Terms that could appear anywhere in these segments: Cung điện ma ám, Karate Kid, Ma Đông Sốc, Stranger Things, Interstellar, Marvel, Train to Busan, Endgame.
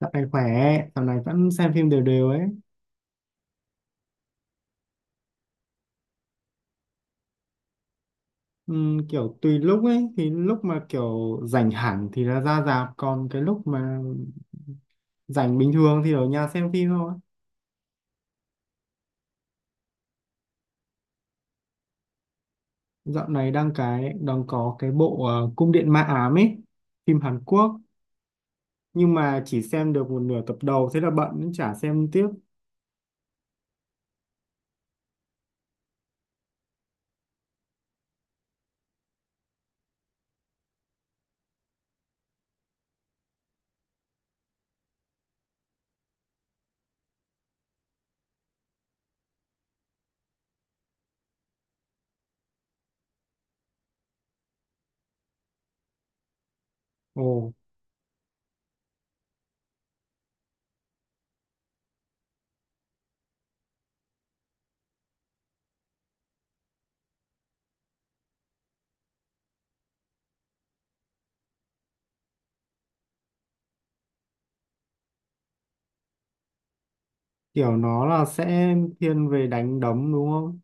Dạo này khỏe, dạo này vẫn xem phim đều đều ấy. Kiểu tùy lúc ấy, thì lúc mà kiểu rảnh hẳn thì là ra rạp, còn cái lúc mà rảnh bình thường thì ở nhà xem phim thôi. Dạo này đang có cái bộ Cung điện ma ám ấy, phim Hàn Quốc, nhưng mà chỉ xem được một nửa tập đầu thế là bận nên chả xem tiếp. Ồ, kiểu nó là sẽ thiên về đánh đấm đúng không?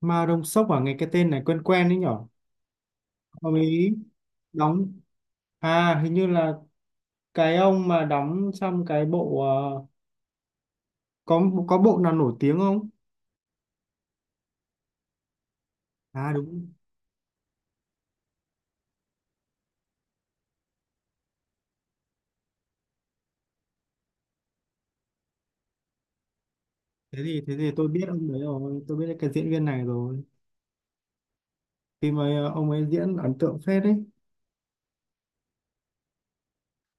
Ma Đông Sốc à, nghe cái tên này quen quen đấy nhở? Ông ấy đóng, à hình như là cái ông mà đóng trong cái bộ có bộ nào nổi tiếng không? À đúng. Thế thì tôi biết ông đấy rồi, tôi biết cái diễn viên này rồi. Khi mà ông ấy diễn ấn tượng phết đấy.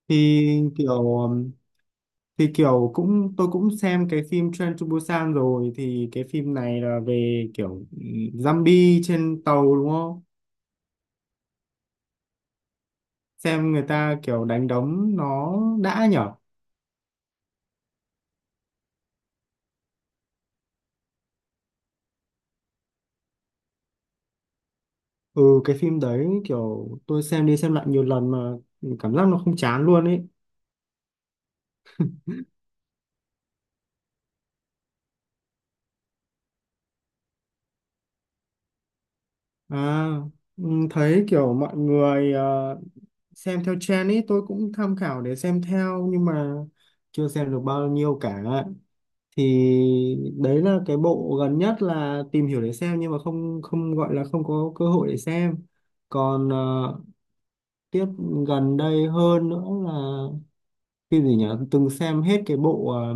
thì kiểu ừm, thì kiểu cũng, tôi cũng xem cái phim Train to Busan rồi, thì cái phim này là về kiểu, zombie trên tàu đúng không? Xem người ta kiểu đánh đấm nó đã nhở. Ừ, cái phim đấy kiểu tôi xem đi xem lại nhiều lần mà cảm giác nó không chán luôn ấy. À, ừ, thấy kiểu mọi người xem theo trend ấy, tôi cũng tham khảo để xem theo nhưng mà chưa xem được bao nhiêu cả. Thì đấy là cái bộ gần nhất là tìm hiểu để xem nhưng mà không không gọi là không có cơ hội để xem. Còn tiếp, gần đây hơn nữa là phim gì nhỉ, từng xem hết cái bộ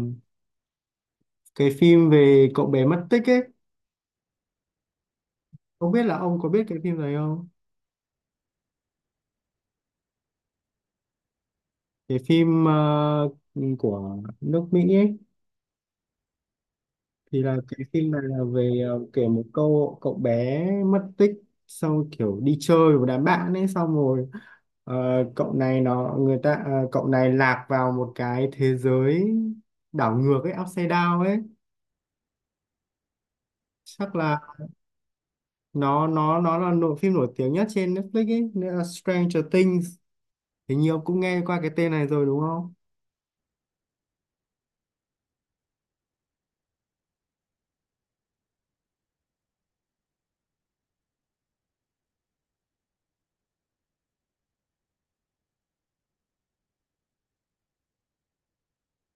cái phim về cậu bé mất tích ấy, không biết là ông có biết cái phim này không. Cái phim của nước Mỹ ấy, thì là cái phim này là về kể một câu cậu bé mất tích, sau kiểu đi chơi với đám bạn ấy xong rồi, ờ, cậu này nó người ta ờ, cậu này lạc vào một cái thế giới đảo ngược ấy, upside down ấy. Chắc là nó là nội phim nổi tiếng nhất trên Netflix ấy, nên là Stranger Things, hình như ông cũng nghe qua cái tên này rồi đúng không?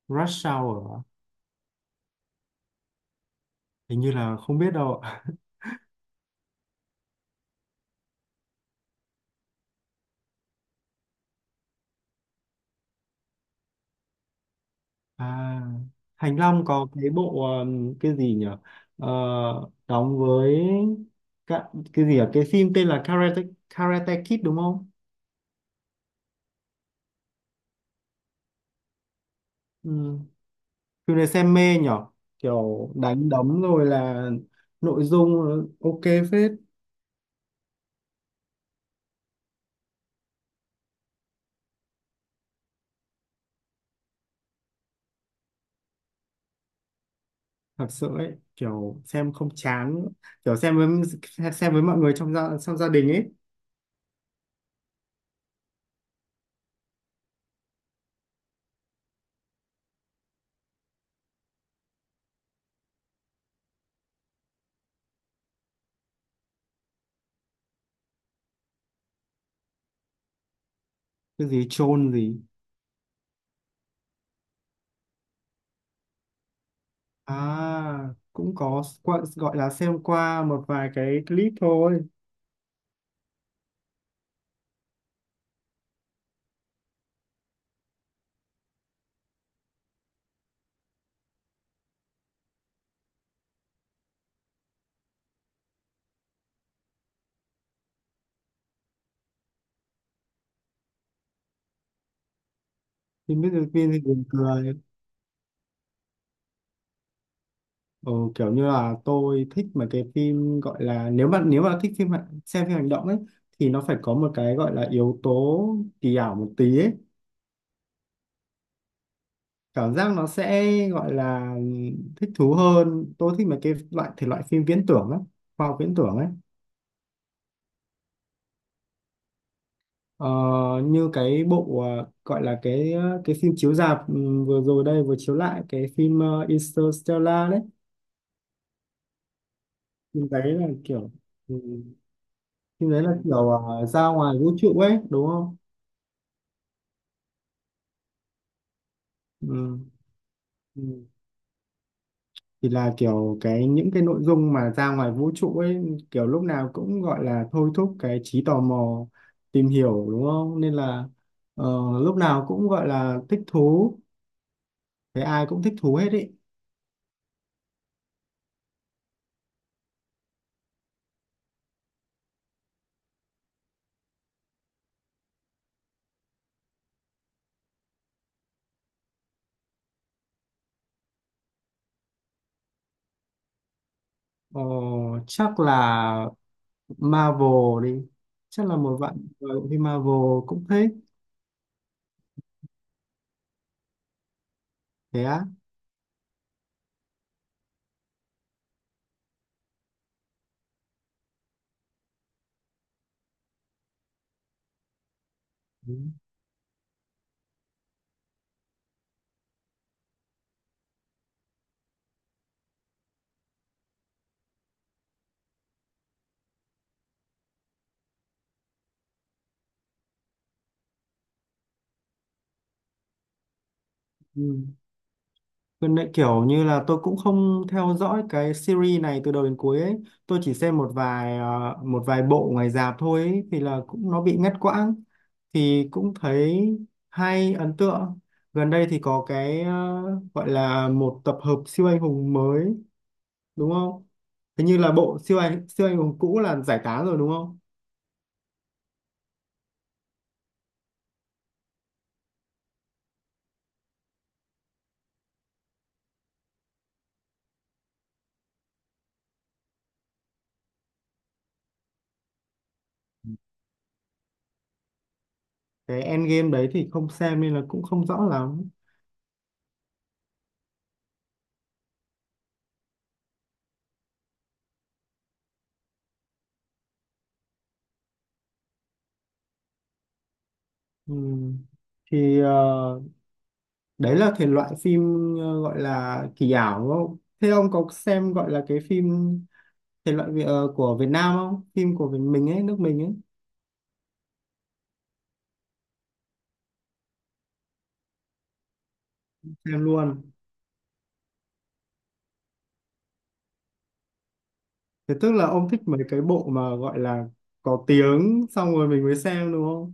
Rush Hour à? Hình như là không biết đâu ạ. À, Thành Long có cái bộ cái gì nhỉ? Ờ, đóng với cả, cái gì ở cái phim tên là Karate Kid đúng không? Ừ. Phim này xem mê nhỉ? Kiểu đánh đấm rồi là nội dung ok phết. Thật sự ấy kiểu xem không chán, kiểu xem với mọi người trong gia đình ấy. Cái gì chôn gì? À, cũng có qua- gọi là xem qua một vài cái clip thôi. Phim biết được phim thì buồn cười. Ờ, kiểu như là tôi thích mà, cái phim gọi là, nếu bạn, nếu bạn thích phim hành- xem phim hành động ấy, thì nó phải có một cái gọi là yếu tố kỳ ảo một tí ấy, cảm giác nó sẽ gọi là thích thú hơn. Tôi thích mấy cái loại thể loại phim viễn tưởng lắm, khoa học viễn tưởng ấy. ờ, Như cái bộ gọi là cái phim chiếu rạp, ừ, vừa rồi đây vừa chiếu lại cái phim Interstellar đấy. Phim đấy là kiểu, ừ, phim đấy là kiểu, à, ra ngoài vũ trụ ấy đúng không? Ừ. Ừ. Thì là kiểu cái những cái nội dung mà ra ngoài vũ trụ ấy, kiểu lúc nào cũng gọi là thôi thúc cái trí tò mò tìm hiểu đúng không, nên là ờ, lúc nào cũng gọi là thích thú, cái ai cũng thích thú hết ý. Ờ, chắc là Marvel đi, chắc là một bạn gọi phim Marvel cũng thích. Thế á? Ừ. Ừ. Gần đây kiểu như là tôi cũng không theo dõi cái series này từ đầu đến cuối ấy. Tôi chỉ xem một vài một vài bộ ngoài rạp thôi ấy, thì là cũng nó bị ngắt quãng, thì cũng thấy hay, ấn tượng. Gần đây thì có cái gọi là một tập hợp siêu anh hùng mới đúng không? Thế như là bộ siêu anh hùng cũ là giải tán rồi đúng không? Cái Endgame đấy thì không xem nên là cũng không rõ lắm. Ừ. Thì đấy là thể loại phim gọi là kỳ ảo đúng không, thế ông có xem gọi là cái phim thể loại Việt- của Việt Nam không, phim của Việt- mình ấy, nước mình ấy, xem luôn. Thế tức là ông thích mấy cái bộ mà gọi là có tiếng xong rồi mình mới xem đúng không?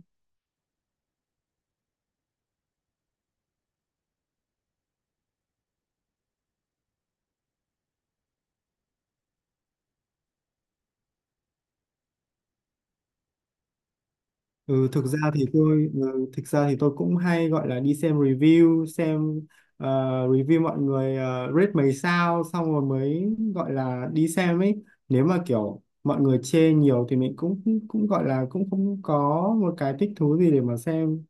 Thực ra thì tôi cũng hay gọi là đi xem review xem, ờ, review mọi người rate mấy sao xong rồi mới gọi là đi xem ấy. Nếu mà kiểu mọi người chê nhiều thì mình cũng cũng gọi là cũng không có một cái thích thú gì để mà xem.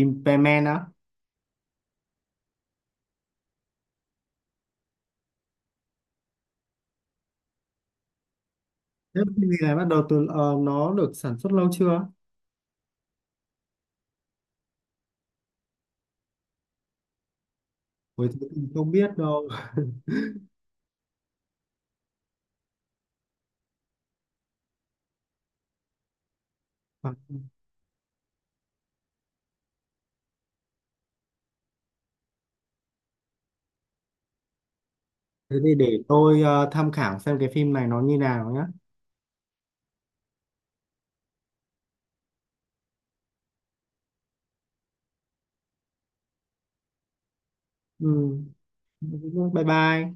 Implement á? Thế cái gì này bắt đầu từ nó được sản xuất lâu chưa? Ôi, thế thì không biết đâu. À, thế thì để tôi tham khảo xem cái phim này nó như nào nhá. Ừ. Bye bye.